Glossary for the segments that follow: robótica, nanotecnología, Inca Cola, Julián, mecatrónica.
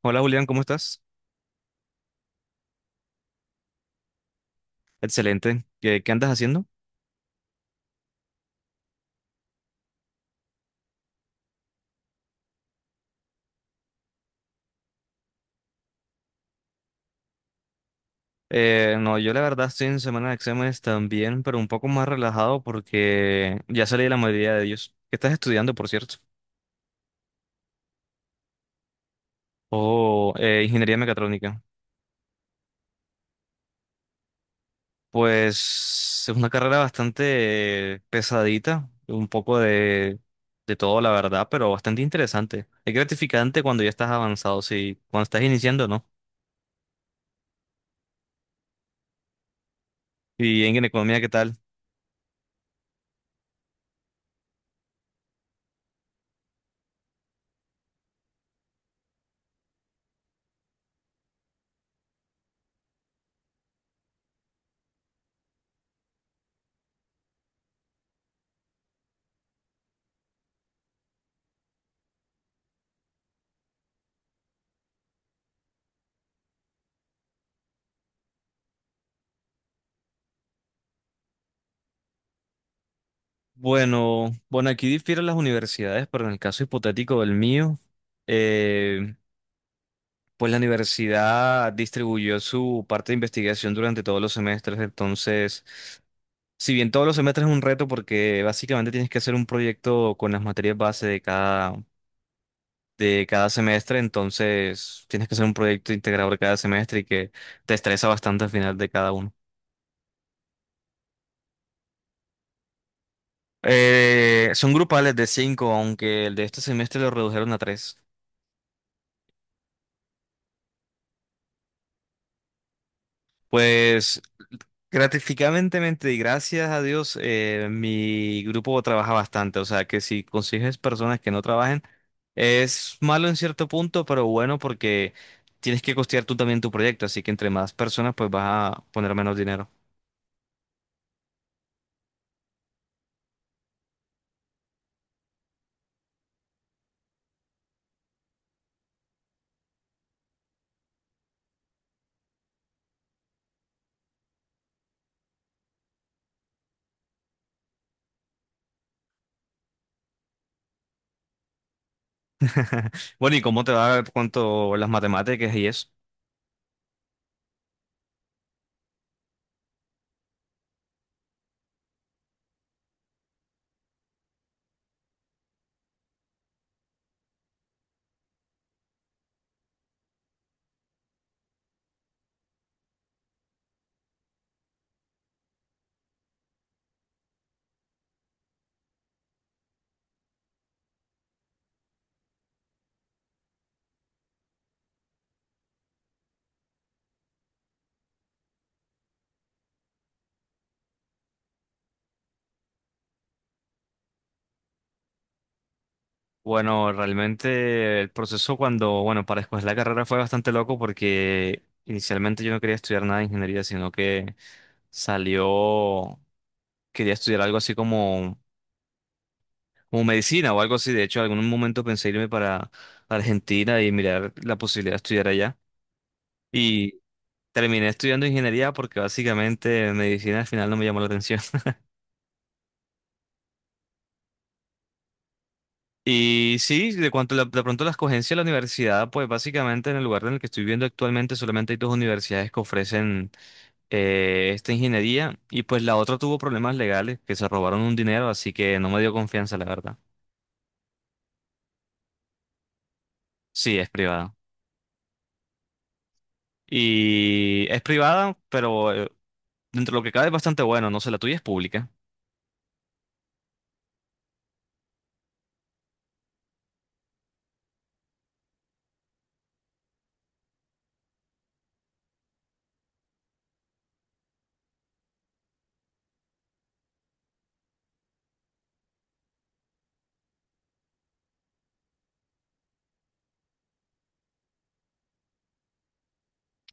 Hola Julián, ¿cómo estás? Excelente. ¿Qué andas haciendo? No, yo la verdad estoy en semana de exámenes también, pero un poco más relajado porque ya salí de la mayoría de ellos. ¿Qué estás estudiando, por cierto? Oh, Ingeniería mecatrónica. Pues es una carrera bastante pesadita, de todo, la verdad, pero bastante interesante. Es gratificante cuando ya estás avanzado, sí, cuando estás iniciando, ¿no? Y en economía, ¿qué tal? Bueno, bueno, aquí difieren las universidades, pero en el caso hipotético del mío, eh, pues la universidad distribuyó su parte de investigación durante todos los semestres, entonces, si bien todos los semestres es un reto porque básicamente tienes que hacer un proyecto con las materias base de cada semestre, entonces tienes que hacer un proyecto integrado de cada semestre y que te estresa bastante al final de cada uno. Son grupales de 5, aunque el de este semestre lo redujeron a 3. Pues gratificantemente y gracias a Dios, mi grupo trabaja bastante. O sea que si consigues personas que no trabajen, es malo en cierto punto, pero bueno porque tienes que costear tú también tu proyecto. Así que entre más personas, pues vas a poner menos dinero. Bueno, ¿y cómo te va cuanto las matemáticas y eso? Bueno, realmente el proceso cuando, bueno, para escoger la carrera fue bastante loco porque inicialmente yo no quería estudiar nada de ingeniería, sino que salió, quería estudiar algo así como medicina o algo así. De hecho, en algún momento pensé irme para Argentina y mirar la posibilidad de estudiar allá. Y terminé estudiando ingeniería porque básicamente medicina al final no me llamó la atención. Y sí, de pronto la escogencia de la universidad, pues básicamente en el lugar en el que estoy viviendo actualmente solamente hay 2 universidades que ofrecen esta ingeniería y pues la otra tuvo problemas legales que se robaron un dinero, así que no me dio confianza, la verdad. Sí, es privada. Y es privada, pero dentro de lo que cabe es bastante bueno, no sé, la tuya es pública.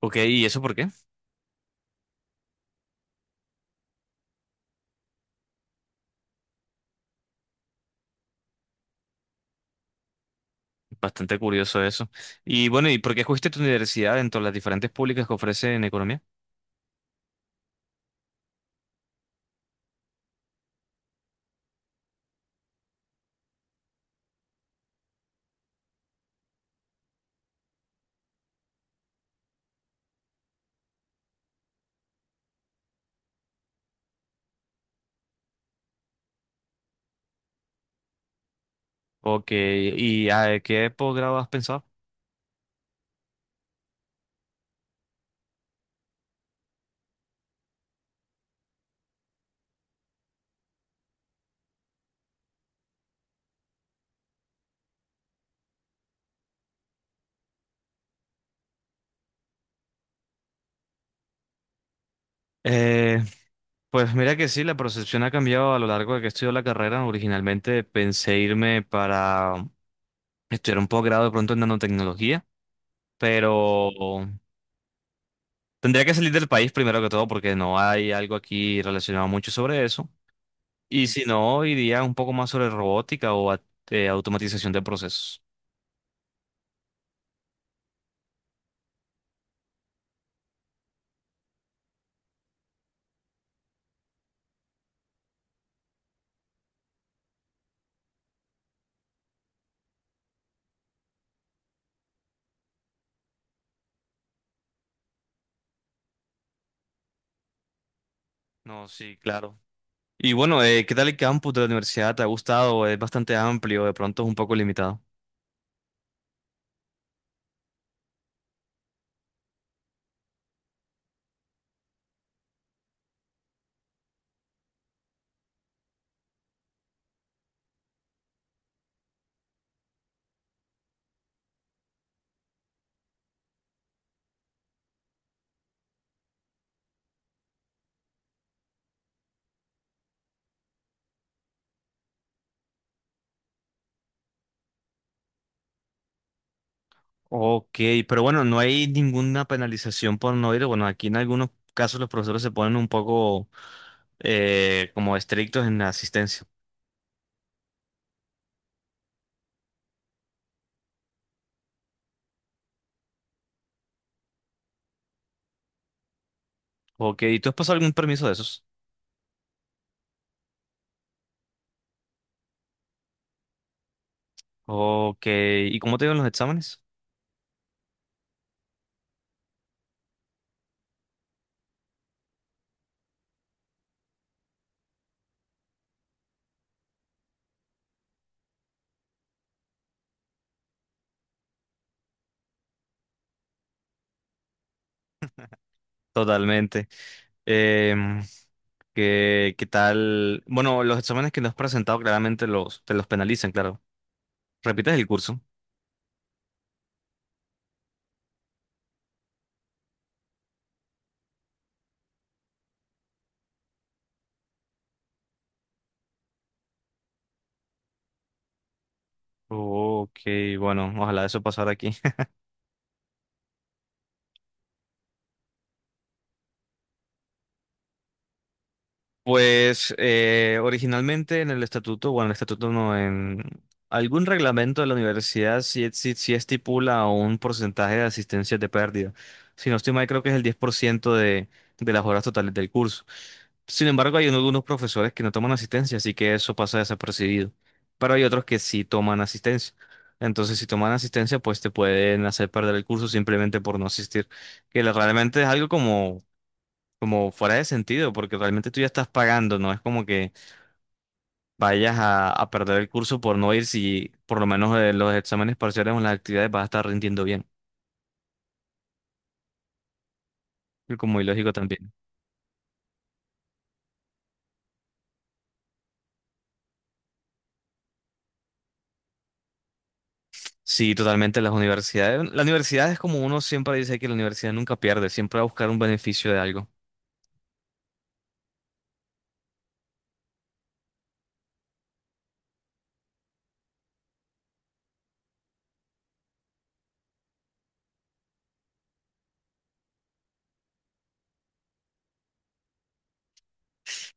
Ok, ¿y eso por qué? Bastante curioso eso. Y bueno, ¿y por qué escogiste tu universidad dentro de las diferentes públicas que ofrecen economía? Ok, ¿y a qué posgrado has pensado? Eh, pues mira que sí, la percepción ha cambiado a lo largo de que he estudiado la carrera. Originalmente pensé irme para estudiar un posgrado de pronto en nanotecnología, pero tendría que salir del país primero que todo porque no hay algo aquí relacionado mucho sobre eso. Y si no, iría un poco más sobre robótica automatización de procesos. No, sí, claro. Y bueno, ¿qué tal el campus de la universidad? ¿Te ha gustado? Es bastante amplio, de pronto es un poco limitado. Ok, pero bueno, no hay ninguna penalización por no ir. Bueno, aquí en algunos casos los profesores se ponen un poco como estrictos en la asistencia. Ok, ¿y tú has pasado algún permiso de esos? Ok, ¿y cómo te iban los exámenes? Totalmente. Em, ¿Qué tal? Bueno, los exámenes que nos has presentado claramente los, te los penalizan, claro. ¿Repites el curso? Ok, bueno, ojalá eso pasara aquí. Pues originalmente en el estatuto, bueno, el estatuto no, en algún reglamento de la universidad sí, sí estipula un porcentaje de asistencia de pérdida. Si no estoy mal, creo que es el 10% de las horas totales del curso. Sin embargo, hay algunos profesores que no toman asistencia, así que eso pasa desapercibido. Pero hay otros que sí toman asistencia. Entonces, si toman asistencia, pues te pueden hacer perder el curso simplemente por no asistir, realmente es algo como fuera de sentido, porque realmente tú ya estás pagando, no es como que vayas a perder el curso por no ir si por lo menos los exámenes parciales o las actividades vas a estar rindiendo bien. Y como ilógico también. Sí, totalmente las universidades. La universidad es como uno siempre dice que la universidad nunca pierde, siempre va a buscar un beneficio de algo.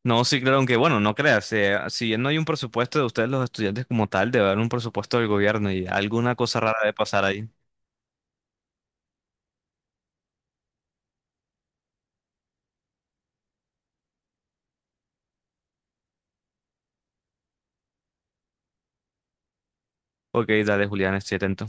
No, sí, claro, aunque bueno, no creas, si bien no hay un presupuesto de ustedes, los estudiantes como tal, debe haber un presupuesto del gobierno y alguna cosa rara de pasar ahí. Ok, dale, Julián, estoy atento.